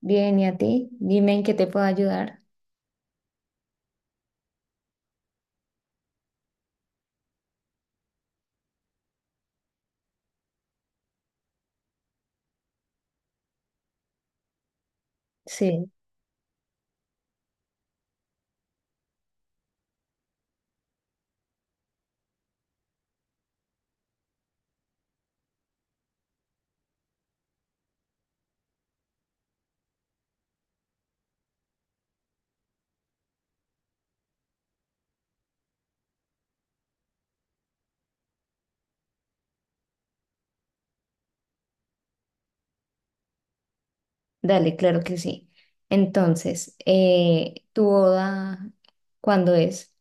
Bien, ¿y a ti? Dime en qué te puedo ayudar. Sí, dale, claro que sí. Entonces, ¿tu boda cuándo es?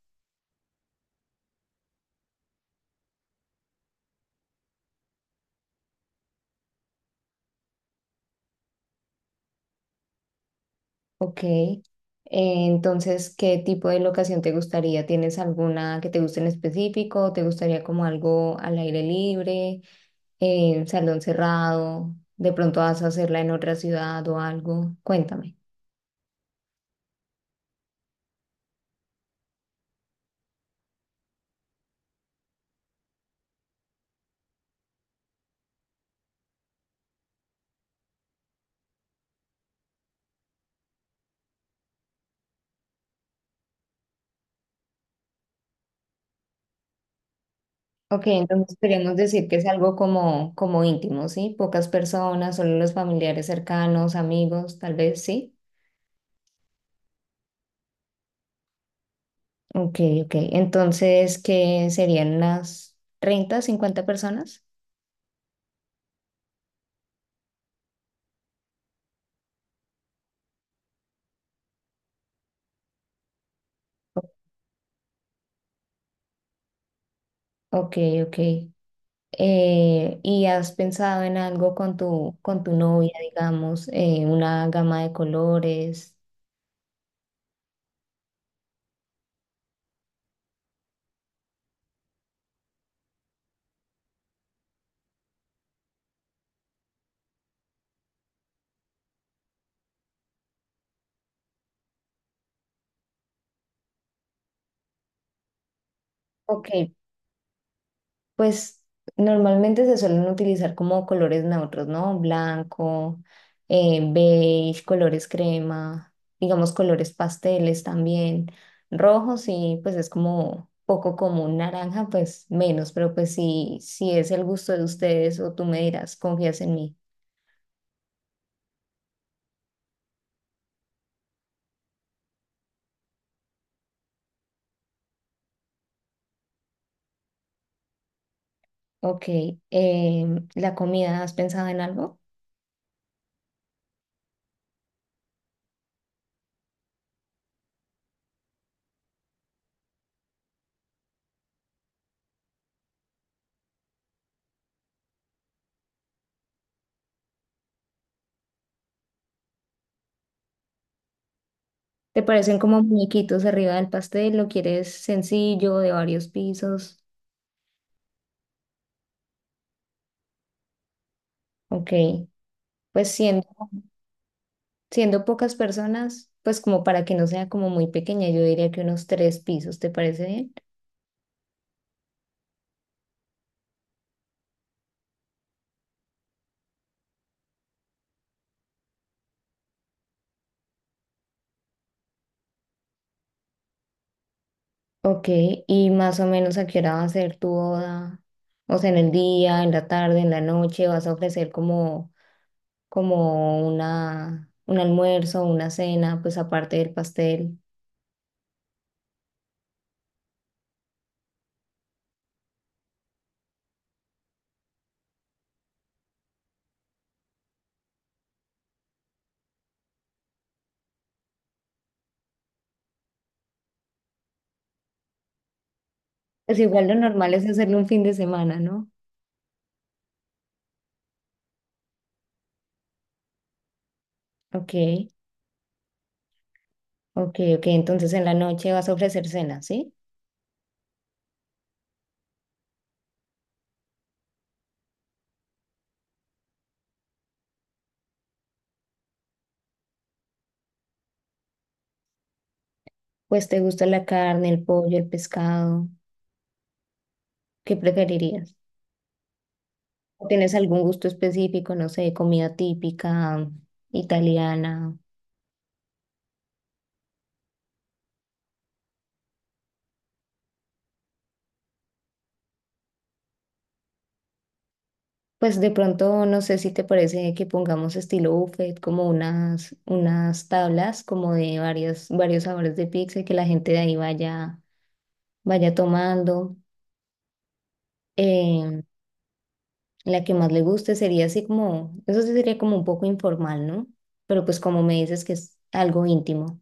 Ok. Entonces, ¿qué tipo de locación te gustaría? ¿Tienes alguna que te guste en específico? ¿Te gustaría como algo al aire libre, salón cerrado? ¿De pronto vas a hacerla en otra ciudad o algo? Cuéntame. Ok, entonces podríamos decir que es algo como, como íntimo, ¿sí? Pocas personas, solo los familiares cercanos, amigos, tal vez, ¿sí? Ok, ok. Entonces, ¿qué serían unas 30, 50 personas? Ok, ok. ¿Y has pensado en algo con tu novia, digamos, una gama de colores? Ok, pues normalmente se suelen utilizar como colores neutros, ¿no? Blanco, beige, colores crema, digamos colores pasteles también. Rojo sí, pues es como poco común, naranja pues menos, pero pues sí, si es el gusto de ustedes o tú me dirás, confías en mí. Ok, ¿la comida has pensado en algo? ¿Te parecen como muñequitos arriba del pastel? ¿Lo quieres sencillo, de varios pisos? Ok, pues siendo... Siendo pocas personas, pues como para que no sea como muy pequeña, yo diría que unos 3 pisos, ¿te parece bien? Ok, y más o menos a qué hora va a ser tu boda, o sea, en el día, en la tarde, en la noche, vas a ofrecer como, como una, un almuerzo, una cena, pues aparte del pastel. Pues igual lo normal es hacerlo un fin de semana, ¿no? Ok, ok, ok, entonces en la noche vas a ofrecer cena, ¿sí? Pues te gusta la carne, el pollo, el pescado, ¿qué preferirías? ¿O ¿tienes algún gusto específico, no sé, comida típica italiana? Pues de pronto, no sé si te parece que pongamos estilo buffet, como unas, unas tablas, como de varias, varios sabores de pizza y que la gente de ahí vaya, vaya tomando. Eh, la que más le guste sería así como, eso sí sería como un poco informal, ¿no? Pero pues como me dices que es algo íntimo.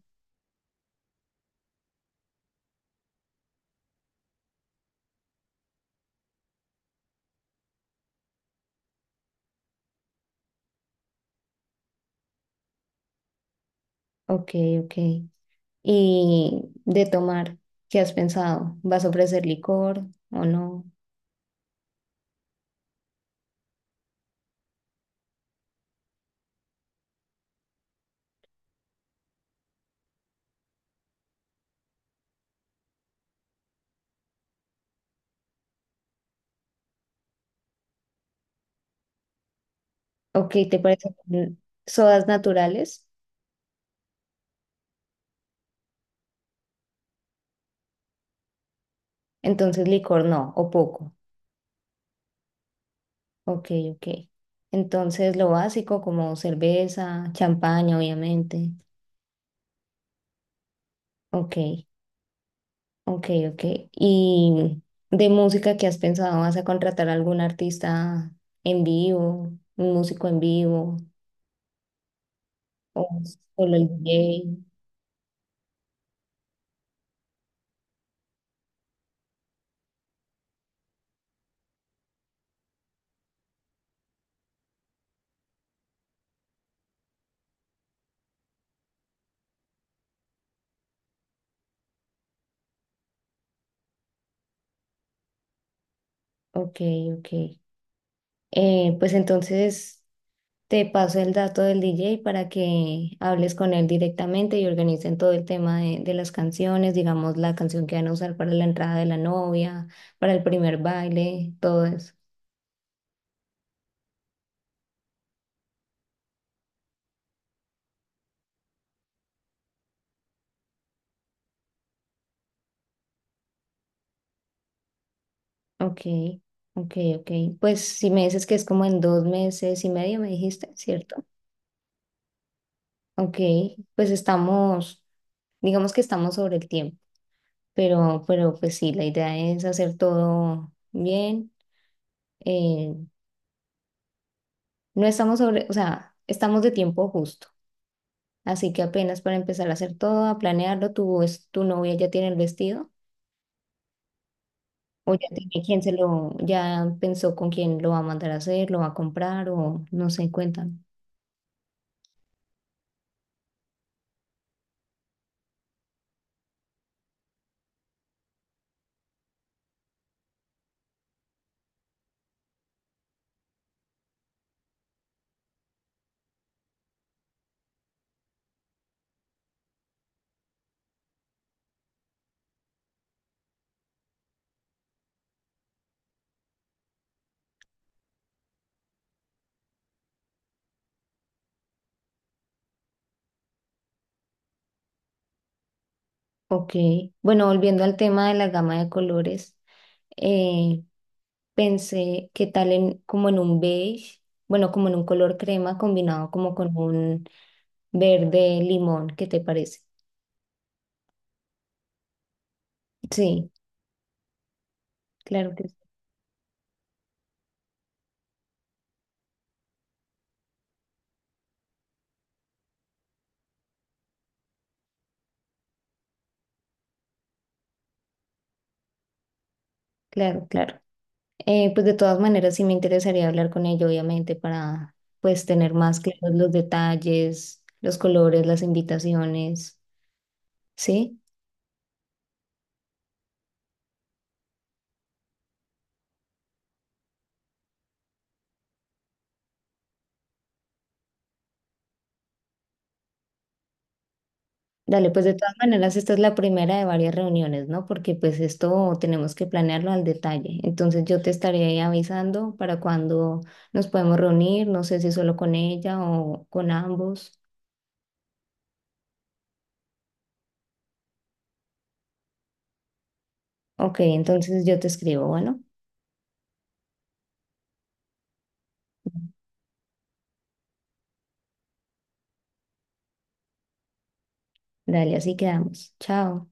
Ok, ok. Y de tomar, ¿qué has pensado? ¿Vas a ofrecer licor o no? Ok, ¿te parecen sodas naturales? Entonces licor no, o poco. Ok, ok. Entonces lo básico como cerveza, champaña, obviamente. Ok, ok, ok. ¿Y de música que has pensado? ¿Vas a contratar a algún artista en vivo, un músico en vivo, o solo el DJ? Ok, ok. Pues entonces... Te paso el dato del DJ para que hables con él directamente y organicen todo el tema de las canciones, digamos la canción que van a usar para la entrada de la novia, para el primer baile, todo eso. Ok, ok, ok. Pues si me dices que es como en 2 meses y medio, me dijiste, ¿cierto? Ok, pues estamos, digamos que estamos sobre el tiempo, pero pues sí, la idea es hacer todo bien. eh, no estamos sobre, o sea, estamos de tiempo justo. Así que apenas para empezar a hacer todo, a planearlo, tu, tu novia ya tiene el vestido o ya tiene quién se lo, ya pensó con quién lo va a mandar a hacer, lo va a comprar o no sé, cuéntame. Ok, bueno, volviendo al tema de la gama de colores, eh, pensé qué tal en, como en un beige, bueno, como en un color crema combinado como con un verde limón, ¿qué te parece? Sí, claro que sí, claro, claro. Pues de todas maneras sí me interesaría hablar con ella, obviamente, para pues tener más claros los detalles, los colores, las invitaciones, ¿sí? Dale, pues de todas maneras esta es la primera de varias reuniones, ¿no? Porque pues esto tenemos que planearlo al detalle. Entonces yo te estaré ahí avisando para cuando nos podemos reunir, no sé si solo con ella o con ambos. Ok, entonces yo te escribo, bueno, dale, así quedamos. Chao.